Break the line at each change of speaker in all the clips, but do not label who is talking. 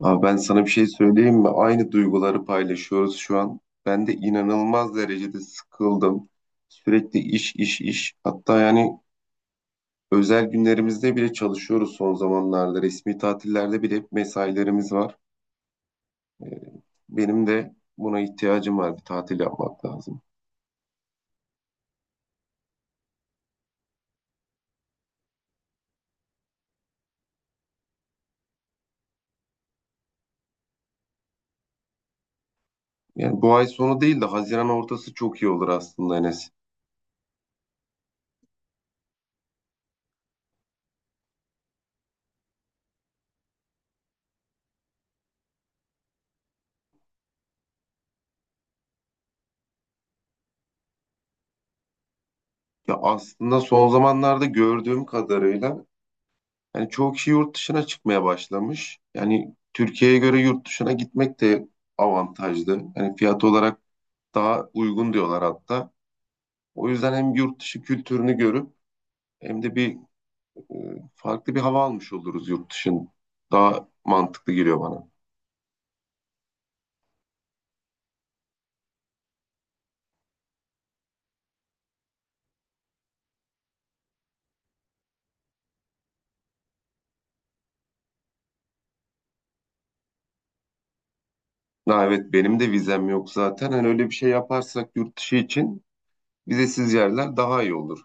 Abi ben sana bir şey söyleyeyim mi? Aynı duyguları paylaşıyoruz şu an. Ben de inanılmaz derecede sıkıldım. Sürekli iş, iş, iş. Hatta yani özel günlerimizde bile çalışıyoruz son zamanlarda. Resmi tatillerde bile hep mesailerimiz var. Ee, Benim de buna ihtiyacım var. Bir tatil yapmak lazım. Yani bu ay sonu değil de Haziran ortası çok iyi olur aslında Enes. Ya aslında son zamanlarda gördüğüm kadarıyla yani çoğu kişi yurt dışına çıkmaya başlamış. Yani Türkiye'ye göre yurt dışına gitmek de avantajlı. Yani fiyat olarak daha uygun diyorlar hatta. O yüzden hem yurt dışı kültürünü görüp hem de bir e, farklı bir hava almış oluruz yurt dışın. Daha mantıklı geliyor bana. Ha, evet benim de vizem yok zaten. Hani öyle bir şey yaparsak yurt dışı için vizesiz yerler daha iyi olur.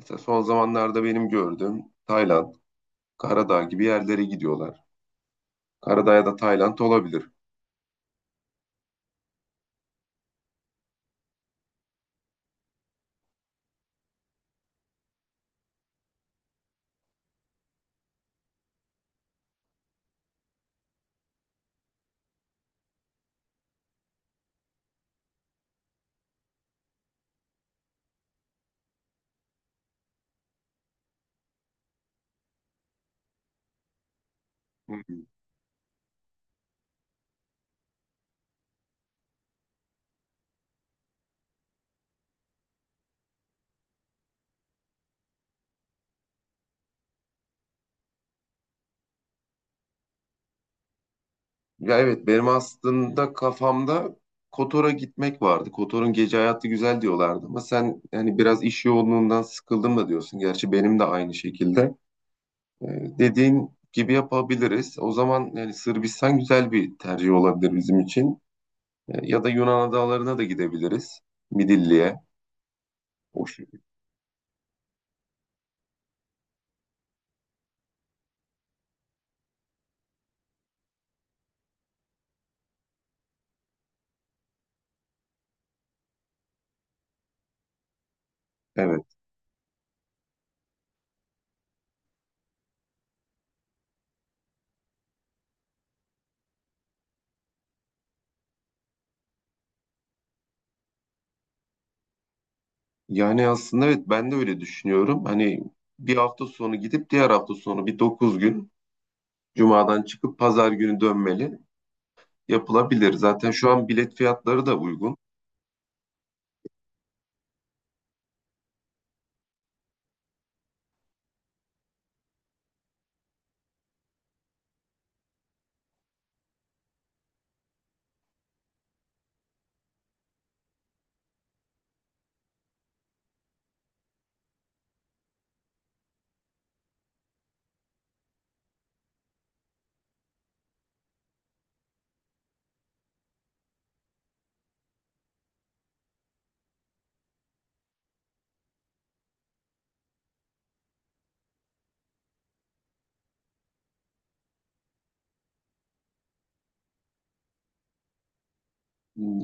Mesela son zamanlarda benim gördüğüm Tayland, Karadağ gibi yerlere gidiyorlar. Karadağ ya da Tayland olabilir. Ya evet benim aslında kafamda Kotor'a gitmek vardı. Kotor'un gece hayatı güzel diyorlardı ama sen yani biraz iş yoğunluğundan sıkıldım da diyorsun. Gerçi benim de aynı şekilde. Ee, dediğin gibi yapabiliriz. O zaman yani Sırbistan güzel bir tercih olabilir bizim için. Ya da Yunan adalarına da gidebiliriz. Midilli'ye. O şu- Evet. Yani aslında evet ben de öyle düşünüyorum. Hani bir hafta sonu gidip diğer hafta sonu bir 9 gün Cuma'dan çıkıp pazar günü dönmeli. Yapılabilir. Zaten şu an bilet fiyatları da uygun.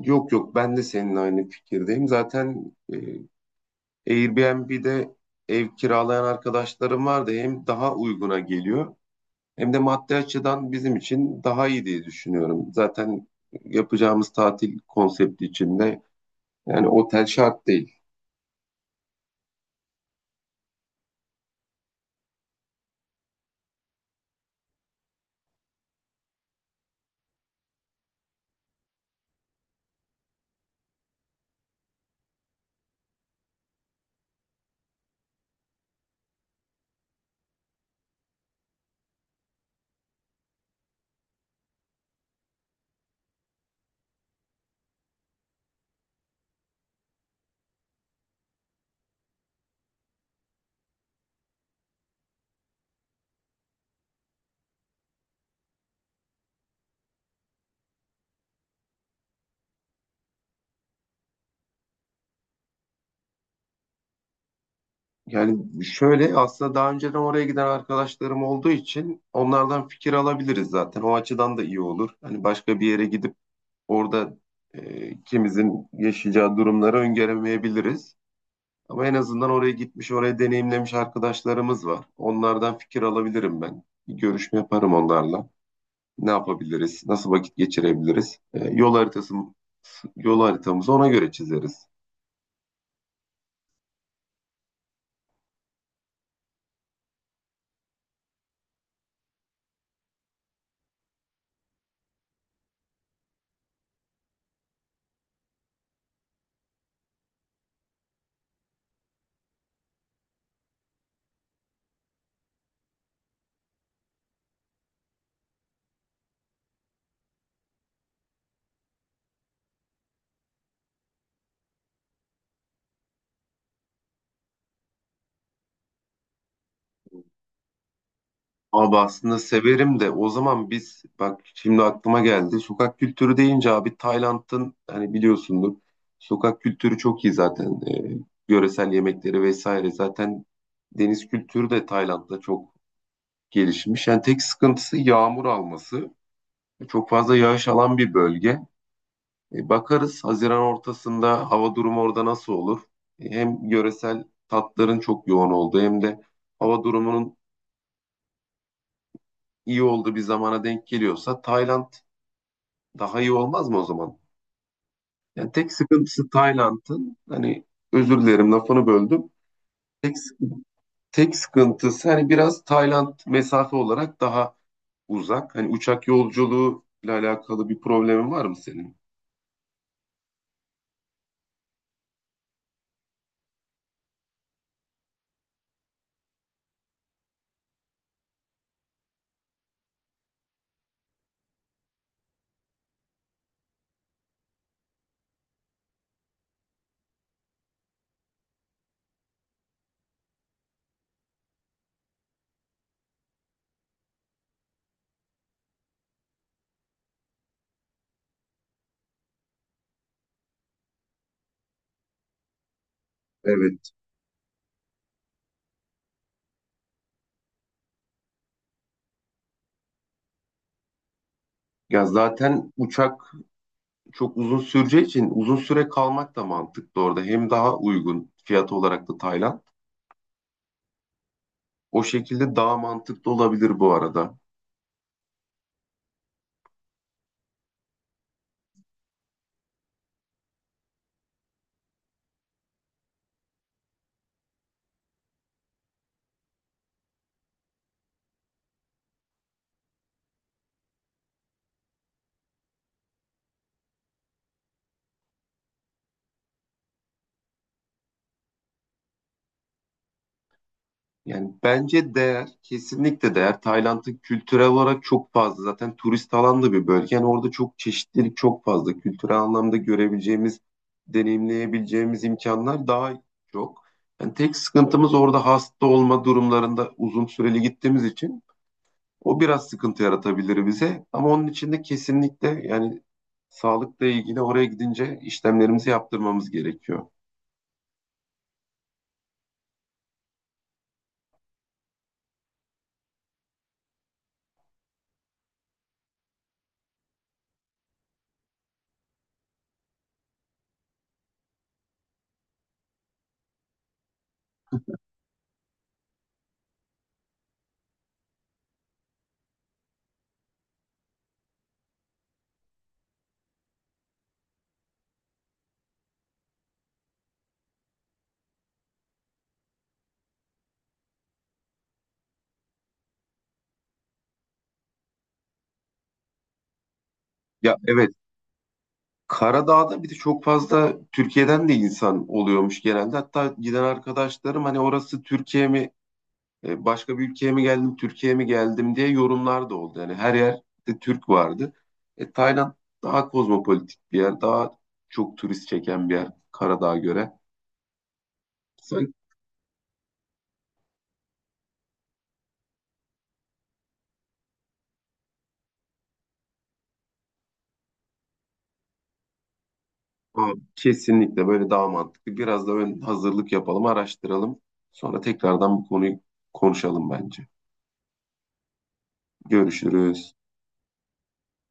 Yok yok ben de seninle aynı fikirdeyim. Zaten Airbnb'de ev kiralayan arkadaşlarım vardı. Hem daha uyguna geliyor hem de maddi açıdan bizim için daha iyi diye düşünüyorum. Zaten yapacağımız tatil konsepti içinde yani otel şart değil. Yani şöyle aslında daha önceden oraya giden arkadaşlarım olduğu için onlardan fikir alabiliriz zaten. O açıdan da iyi olur. Hani başka bir yere gidip orada ikimizin yaşayacağı durumları öngöremeyebiliriz. Ama en azından oraya gitmiş, oraya deneyimlemiş arkadaşlarımız var. Onlardan fikir alabilirim ben. Bir görüşme yaparım onlarla. Ne yapabiliriz? Nasıl vakit geçirebiliriz? Yol haritası, yol haritamızı ona göre çizeriz. Abi aslında severim de o zaman biz bak şimdi aklıma geldi. Sokak kültürü deyince abi Tayland'ın hani biliyorsundur. Sokak kültürü çok iyi zaten. Yöresel yemekleri vesaire zaten deniz kültürü de Tayland'da çok gelişmiş. Yani tek sıkıntısı yağmur alması. Çok fazla yağış alan bir bölge. Bakarız Haziran ortasında hava durumu orada nasıl olur? Hem yöresel tatların çok yoğun olduğu hem de hava durumunun iyi olduğu bir zamana denk geliyorsa Tayland daha iyi olmaz mı o zaman? Yani tek sıkıntısı Tayland'ın hani özür dilerim lafını böldüm. Tek, sık- tek sıkıntısı hani biraz Tayland mesafe olarak daha uzak. Hani uçak yolculuğuyla alakalı bir problemin var mı senin? Evet. Ya zaten uçak çok uzun süreceği için uzun süre kalmak da mantıklı orada. Hem daha uygun fiyat olarak da Tayland. O şekilde daha mantıklı olabilir bu arada. Yani bence değer, kesinlikle değer. Tayland'ın kültürel olarak çok fazla. Zaten turist alan da bir bölge. Yani orada çok çeşitlilik çok fazla. Kültürel anlamda görebileceğimiz, deneyimleyebileceğimiz imkanlar daha çok. Yani tek sıkıntımız orada hasta olma durumlarında uzun süreli gittiğimiz için o biraz sıkıntı yaratabilir bize ama onun için de kesinlikle yani sağlıkla ilgili oraya gidince işlemlerimizi yaptırmamız gerekiyor. Ya evet Karadağ'da bir de çok fazla Türkiye'den de insan oluyormuş genelde. Hatta giden arkadaşlarım hani orası Türkiye mi, başka bir ülkeye mi geldim, Türkiye'ye mi geldim diye yorumlar da oldu. Yani her yerde Türk vardı. Tayland daha kozmopolitik bir yer, daha çok turist çeken bir yer Karadağ'a göre. Sanki aa, kesinlikle böyle daha mantıklı. Biraz da ön hazırlık yapalım, araştıralım. Sonra tekrardan bu konuyu konuşalım bence. Görüşürüz.